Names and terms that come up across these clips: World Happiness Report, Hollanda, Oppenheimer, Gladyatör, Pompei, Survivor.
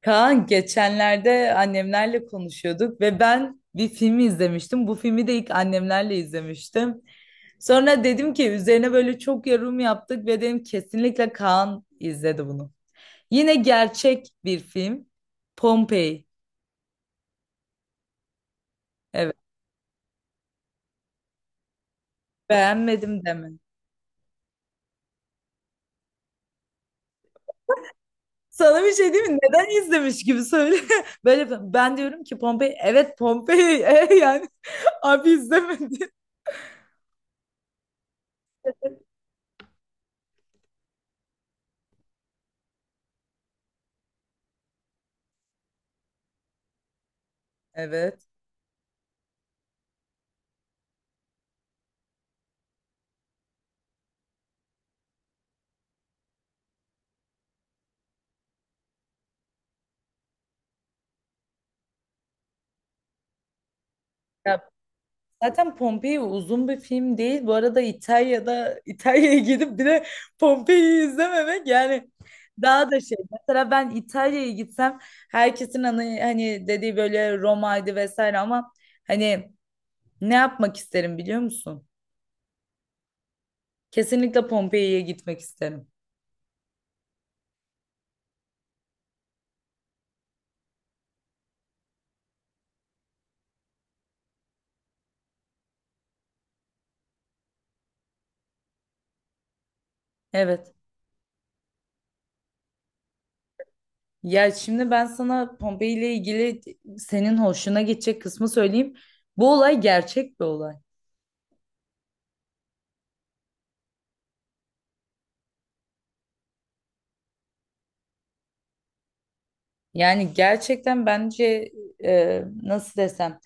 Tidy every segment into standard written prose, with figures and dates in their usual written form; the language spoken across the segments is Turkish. Kaan geçenlerde annemlerle konuşuyorduk ve ben bir filmi izlemiştim. Bu filmi de ilk annemlerle izlemiştim. Sonra dedim ki üzerine böyle çok yorum yaptık ve dedim kesinlikle Kaan izledi bunu. Yine gerçek bir film. Pompei. Evet. Beğenmedim deme. Sana bir şey diyeyim mi? Neden izlemiş gibi söyle. Böyle ben diyorum ki Pompei. Evet Pompei. E yani abi izlemedi. Evet. Zaten Pompei uzun bir film değil. Bu arada İtalya'da İtalya'ya gidip bir de Pompei'yi izlememek yani daha da şey. Mesela ben İtalya'ya gitsem herkesin hani dediği böyle Roma'ydı vesaire ama hani ne yapmak isterim biliyor musun? Kesinlikle Pompei'ye gitmek isterim. Evet. Ya şimdi ben sana Pompei ile ilgili senin hoşuna gidecek kısmı söyleyeyim. Bu olay gerçek bir olay. Yani gerçekten bence nasıl desem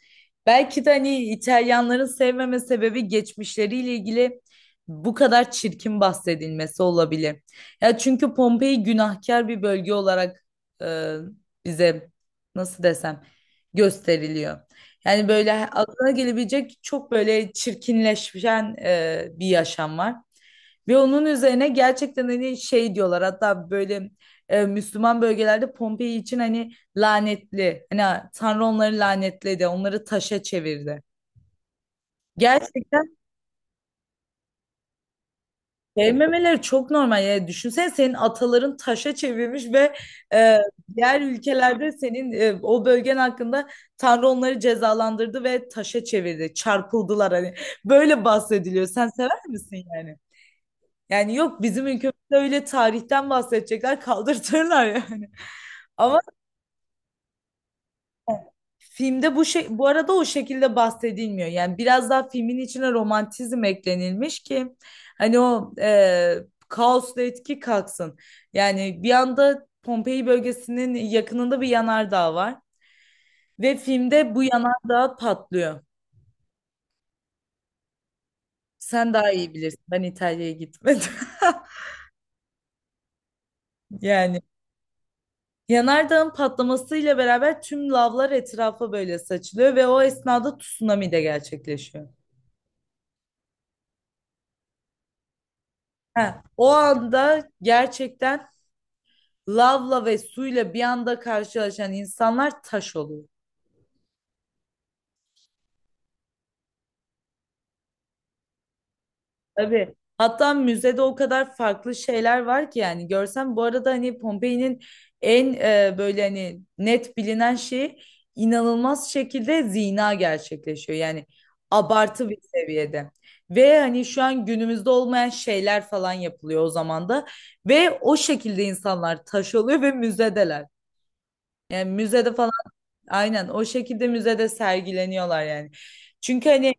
belki de hani İtalyanların sevmeme sebebi geçmişleriyle ilgili bu kadar çirkin bahsedilmesi olabilir. Ya çünkü Pompei günahkar bir bölge olarak e, bize nasıl desem gösteriliyor. Yani böyle aklına gelebilecek çok böyle çirkinleşen bir yaşam var. Ve onun üzerine gerçekten hani şey diyorlar hatta böyle Müslüman bölgelerde Pompei için hani lanetli. Hani Tanrı onları lanetledi, onları taşa çevirdi. Gerçekten sevmemeleri çok normal. Yani düşünsene senin ataların taşa çevirmiş ve e, diğer ülkelerde senin o bölgen hakkında Tanrı onları cezalandırdı ve taşa çevirdi. Çarpıldılar hani. Böyle bahsediliyor. Sen sever misin yani? Yani yok bizim ülkemizde öyle tarihten bahsedecekler kaldırtırlar yani. Ama filmde bu şey bu arada o şekilde bahsedilmiyor. Yani biraz daha filmin içine romantizm eklenilmiş ki hani o kaosla etki kalksın. Yani bir anda Pompei bölgesinin yakınında bir yanardağ var ve filmde bu yanardağ patlıyor. Sen daha iyi bilirsin. Ben İtalya'ya gitmedim. Yani yanardağın patlamasıyla beraber tüm lavlar etrafa böyle saçılıyor ve o esnada tsunami de gerçekleşiyor. Ha, o anda gerçekten lavla ve suyla bir anda karşılaşan insanlar taş oluyor. Tabii. Hatta müzede o kadar farklı şeyler var ki yani görsem bu arada hani Pompei'nin en böyle hani net bilinen şeyi inanılmaz şekilde zina gerçekleşiyor. Yani abartı bir seviyede. Ve hani şu an günümüzde olmayan şeyler falan yapılıyor o zaman da ve o şekilde insanlar taş oluyor ve müzedeler. Yani müzede falan aynen o şekilde müzede sergileniyorlar yani. Çünkü hani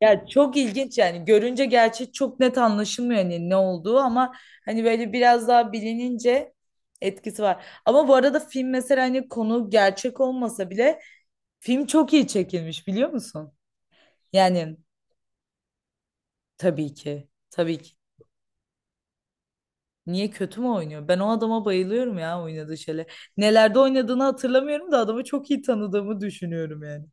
ya çok ilginç yani görünce gerçi çok net anlaşılmıyor hani ne olduğu ama hani böyle biraz daha bilinince etkisi var. Ama bu arada film mesela hani konu gerçek olmasa bile film çok iyi çekilmiş biliyor musun? Yani tabii ki tabii ki. Niye kötü mü oynuyor? Ben o adama bayılıyorum ya oynadığı şeyle. Nelerde oynadığını hatırlamıyorum da adamı çok iyi tanıdığımı düşünüyorum yani.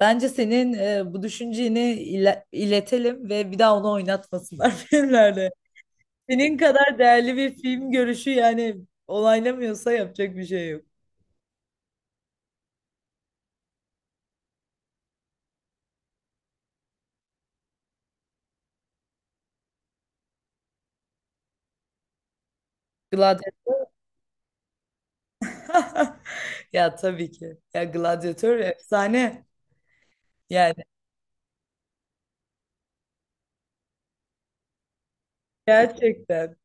Bence senin bu düşünceni iletelim ve bir daha onu oynatmasınlar filmlerde. Senin kadar değerli bir film görüşü yani olaylamıyorsa yapacak bir şey yok. Gladyatör. Ya tabii ki. Ya gladyatör efsane. Yani gerçekten.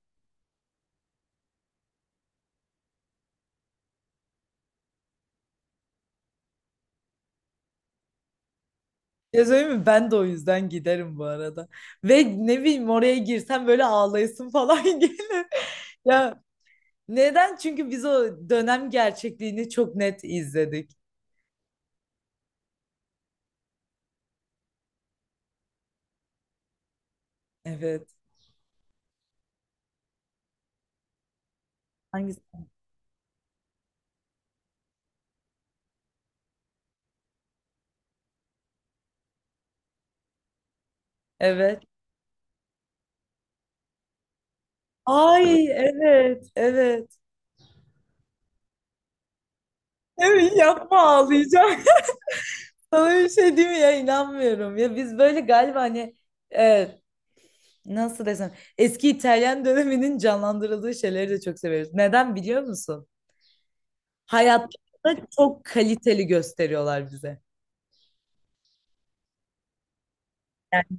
Ya söyleyeyim mi? Ben de o yüzden giderim bu arada. Ve ne bileyim oraya girsem böyle ağlayasın falan gelir. Ya neden? Çünkü biz o dönem gerçekliğini çok net izledik. Evet. Hangisi? Evet. Ay evet evet. Evet yapma ağlayacağım. Sana bir şey değil mi ya inanmıyorum. Ya biz böyle galiba hani e, nasıl desem eski İtalyan döneminin canlandırıldığı şeyleri de çok severiz. Neden biliyor musun? Hayatta çok kaliteli gösteriyorlar bize. Yani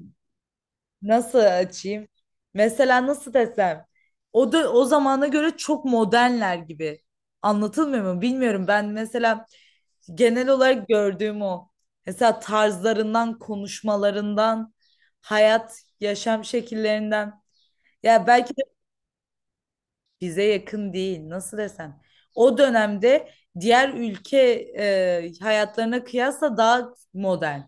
nasıl açayım? Mesela nasıl desem o da o zamana göre çok modernler gibi. Anlatılmıyor mu? Bilmiyorum. Ben mesela genel olarak gördüğüm o. Mesela tarzlarından, konuşmalarından, hayat, yaşam şekillerinden. Ya belki de bize yakın değil, nasıl desem. O dönemde diğer ülke hayatlarına kıyasla daha modern.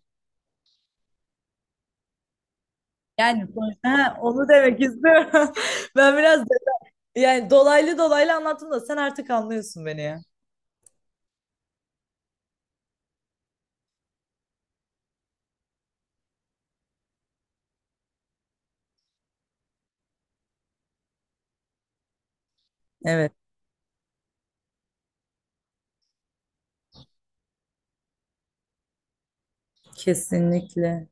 Yani sonuçta, ha, onu demek istiyorum. Ben biraz yani dolaylı dolaylı anlattım da sen artık anlıyorsun beni ya. Evet, kesinlikle.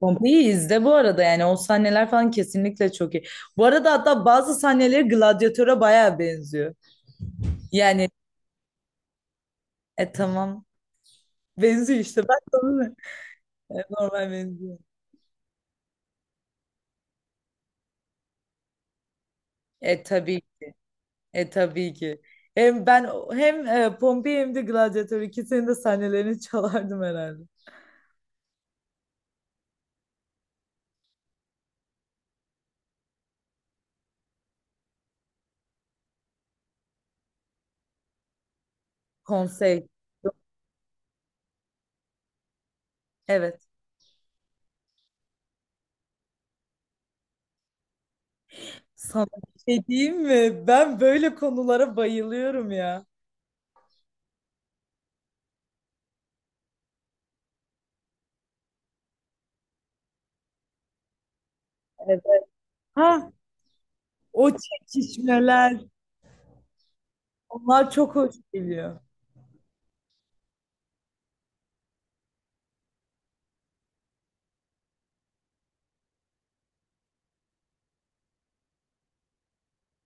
Pompei'yi izle bu arada yani o sahneler falan kesinlikle çok iyi. Bu arada hatta bazı sahneleri Gladyatör'e bayağı benziyor. Yani e tamam benziyor işte ben sana ne? E, normal benziyor. E tabii e tabii ki. Hem ben hem Pompei hem de Gladyatör ikisinin de sahnelerini çalardım herhalde. Konsey evet. Sana bir şey diyeyim mi? Ben böyle konulara bayılıyorum ya. Evet. Ha, o çekişmeler, onlar çok hoş geliyor.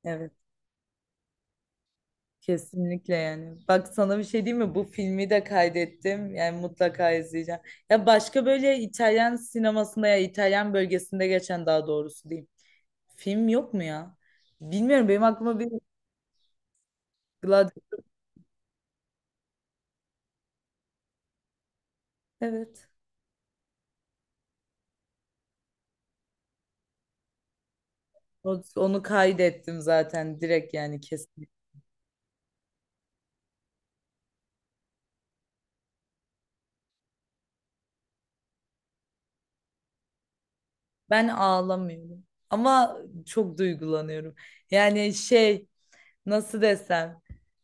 Evet, kesinlikle yani. Bak sana bir şey diyeyim mi? Bu filmi de kaydettim. Yani mutlaka izleyeceğim. Ya başka böyle İtalyan sinemasında ya İtalyan bölgesinde geçen daha doğrusu diyeyim. Film yok mu ya? Bilmiyorum benim aklıma bir Glad- Evet. O- Onu kaydettim zaten direkt yani kesin. Ben ağlamıyorum ama çok duygulanıyorum. Yani şey nasıl desem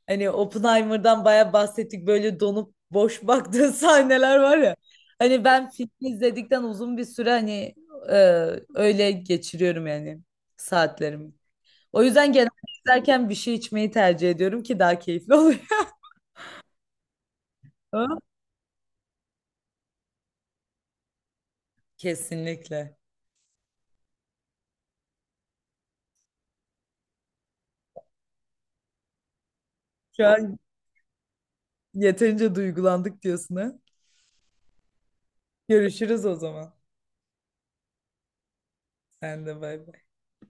hani Oppenheimer'dan bayağı bahsettik böyle donup boş baktığı sahneler var ya. Hani ben filmi izledikten uzun bir süre hani e, öyle geçiriyorum yani saatlerimi. O yüzden genelde izlerken bir şey içmeyi tercih ediyorum ki daha keyifli oluyor. Kesinlikle. Şu an yeterince duygulandık diyorsun ha. Görüşürüz o zaman. Sen de bay bay.